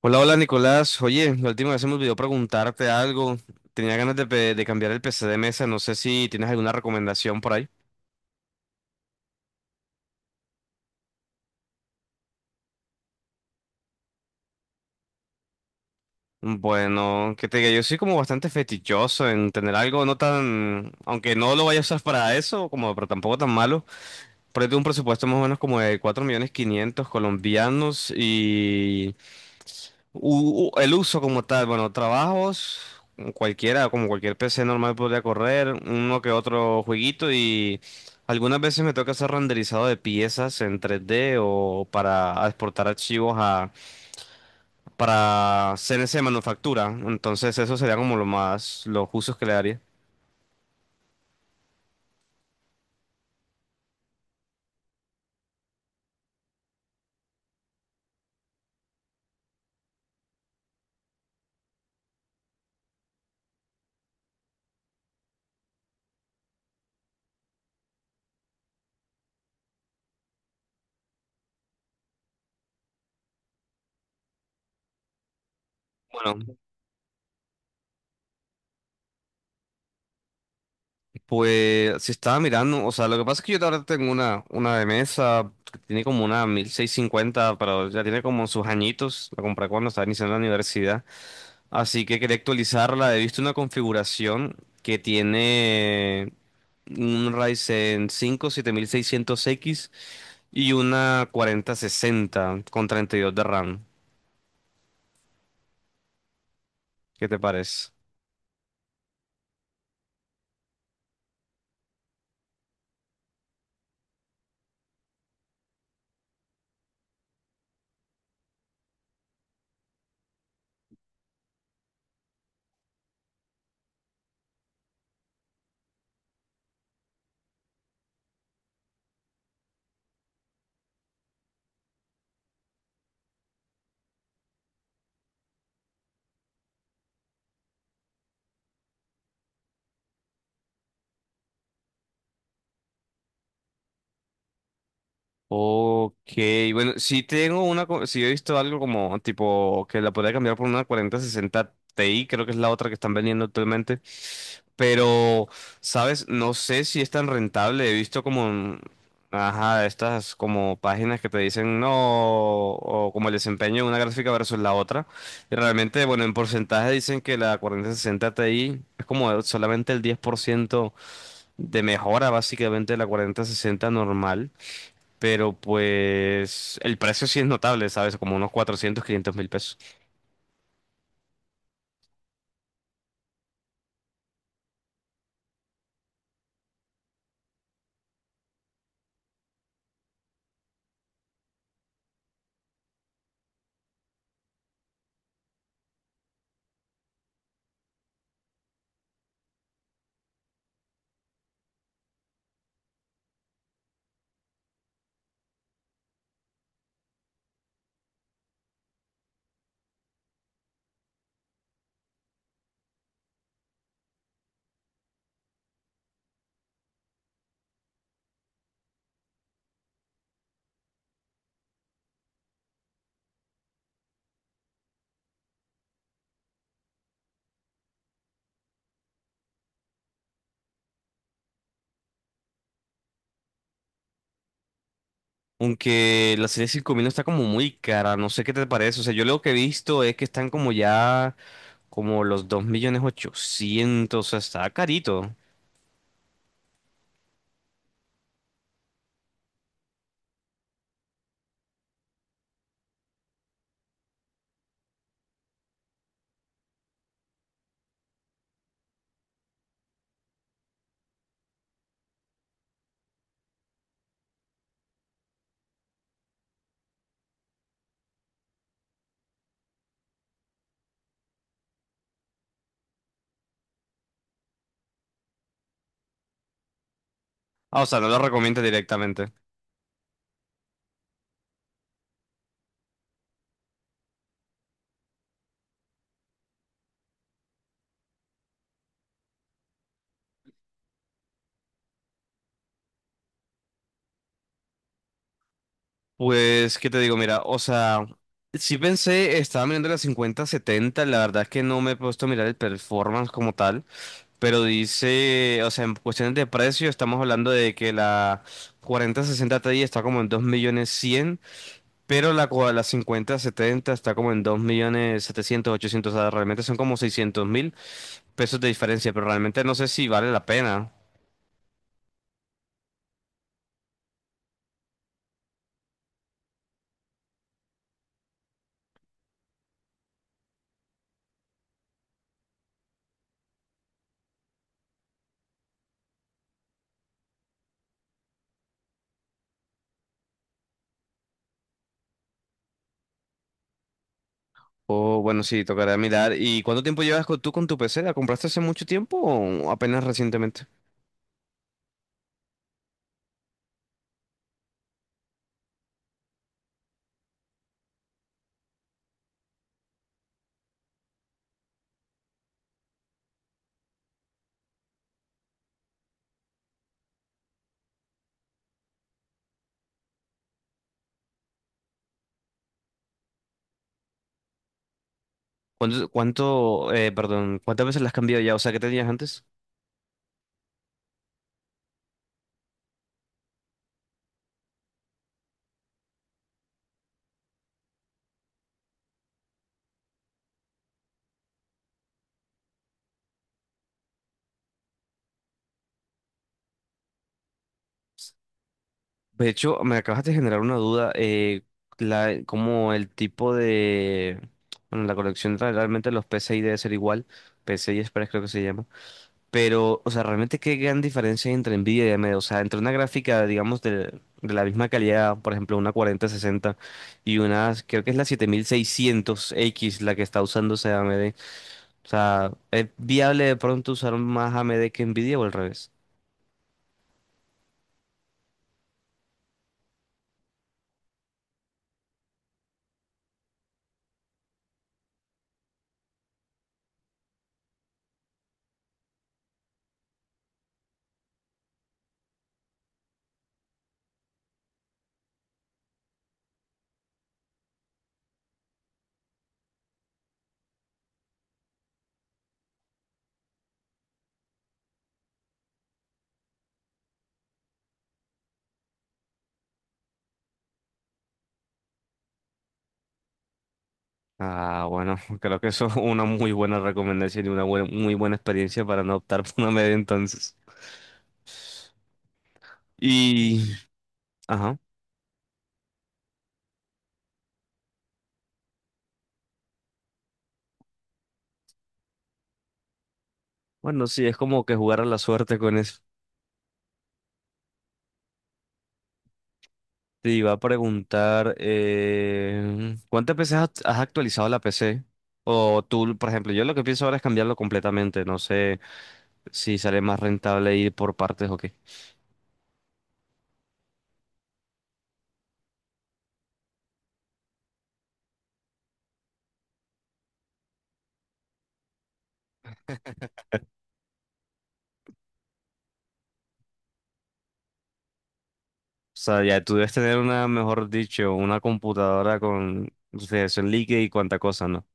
Hola, hola Nicolás. Oye, la última vez se me olvidó preguntarte algo. Tenía ganas de cambiar el PC de mesa. No sé si tienes alguna recomendación por ahí. Bueno, que te diga, yo soy como bastante fetichoso en tener algo no tan, aunque no lo vaya a usar para eso, como, pero tampoco tan malo. Pero yo tengo un presupuesto más o menos como de 4 millones 500 colombianos. El uso como tal, bueno, trabajos, cualquiera, como cualquier PC normal podría correr, uno que otro jueguito y algunas veces me toca hacer renderizado de piezas en 3D o para exportar archivos a, para CNC de manufactura. Entonces eso sería como lo más, los usos que le daría. Bueno, pues si estaba mirando, o sea, lo que pasa es que yo ahora tengo una de mesa que tiene como una 1650, pero ya tiene como sus añitos, la compré cuando estaba iniciando la universidad. Así que quería actualizarla. He visto una configuración que tiene un Ryzen 5 7600X y una 4060 con 32 de RAM. ¿Qué te parece? Ok, bueno, si tengo una, si he visto algo como tipo que la podría cambiar por una cuarenta sesenta Ti, creo que es la otra que están vendiendo actualmente, pero, ¿sabes? No sé si es tan rentable, he visto como, ajá, estas como páginas que te dicen no, o como el desempeño de una gráfica versus la otra, y realmente, bueno, en porcentaje dicen que la cuarenta sesenta Ti es como solamente el 10% de mejora básicamente de la cuarenta sesenta normal. Pero pues el precio sí es notable, ¿sabes? Como unos 400 500 mil pesos. Aunque la serie 5000 está como muy cara, no sé qué te parece. O sea, yo lo que he visto es que están como ya como los 2 millones 800, o sea, está carito. Ah, o sea, no lo recomiendo directamente. Pues, ¿qué te digo? Mira, o sea, sí pensé, estaba mirando la cincuenta setenta, la verdad es que no me he puesto a mirar el performance como tal. Pero dice, o sea, en cuestiones de precio, estamos hablando de que la 4060 Ti está como en 2.100.000, pero la, la 5070 está como en 2.700.000, 800, o sea, realmente son como 600.000 pesos de diferencia, pero realmente no sé si vale la pena. O bueno, sí, tocará mirar. ¿Y cuánto tiempo llevas tú con tu PC? ¿La compraste hace mucho tiempo o apenas recientemente? ¿Cuánto, perdón, cuántas veces la has cambiado ya? O sea, ¿qué tenías antes? De hecho, me acabas de generar una duda, la, como el tipo de, bueno, la colección realmente los PCI debe ser igual, PCI Express creo que se llama, pero, o sea, realmente qué gran diferencia hay entre Nvidia y AMD, o sea, entre una gráfica, digamos, de la misma calidad, por ejemplo, una 4060 y una, creo que es la 7600X la que está usando ese AMD, o sea, ¿es viable de pronto usar más AMD que Nvidia o al revés? Ah, bueno, creo que eso es una muy buena recomendación y muy buena experiencia para no optar por una media entonces. Y, ajá, bueno, sí, es como que jugar a la suerte con eso. Te iba a preguntar, ¿cuántas veces has actualizado la PC? O tú, por ejemplo, yo lo que pienso ahora es cambiarlo completamente. No sé si sale más rentable ir por partes o qué. O sea, ya tú debes tener una, mejor dicho, una computadora con refrigeración líquida y cuánta cosa, ¿no?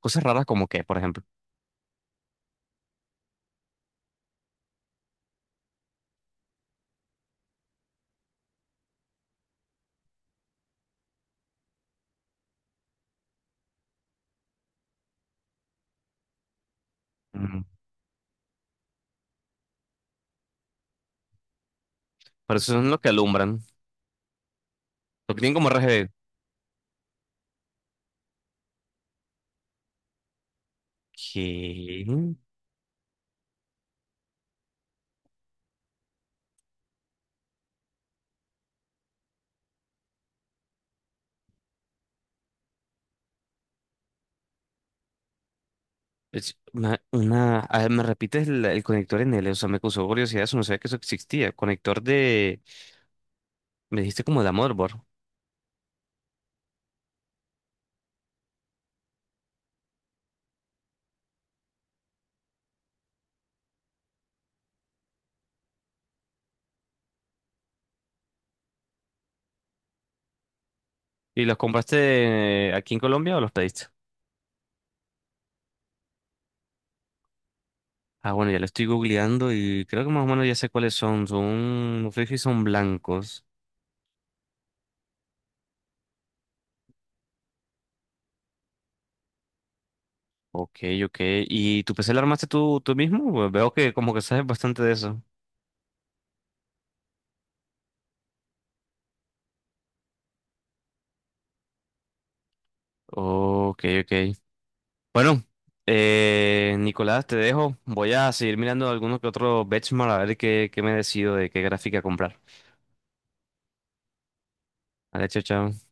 Cosas raras como qué, por ejemplo. Mm, Pero eso es lo que alumbran. Lo que tienen como RGB. ¿Qué? Es A ver, ¿me repites el conector NL? O sea, me causó curiosidad eso. No sabía que eso existía. Conector de... Me dijiste como de motherboard. ¿Y los compraste aquí en Colombia o los pediste? Ah, bueno, ya lo estoy googleando y creo que más o menos ya sé cuáles son. Son... No sé si son blancos. Ok, ok. ¿Y tu PC lo armaste tú, tú mismo? Pues veo que como que sabes bastante de eso. Ok, ok. Bueno, Nicolás, te dejo. Voy a seguir mirando algunos que otros benchmark a ver qué, qué me decido de qué gráfica comprar. Vale, chao, chao.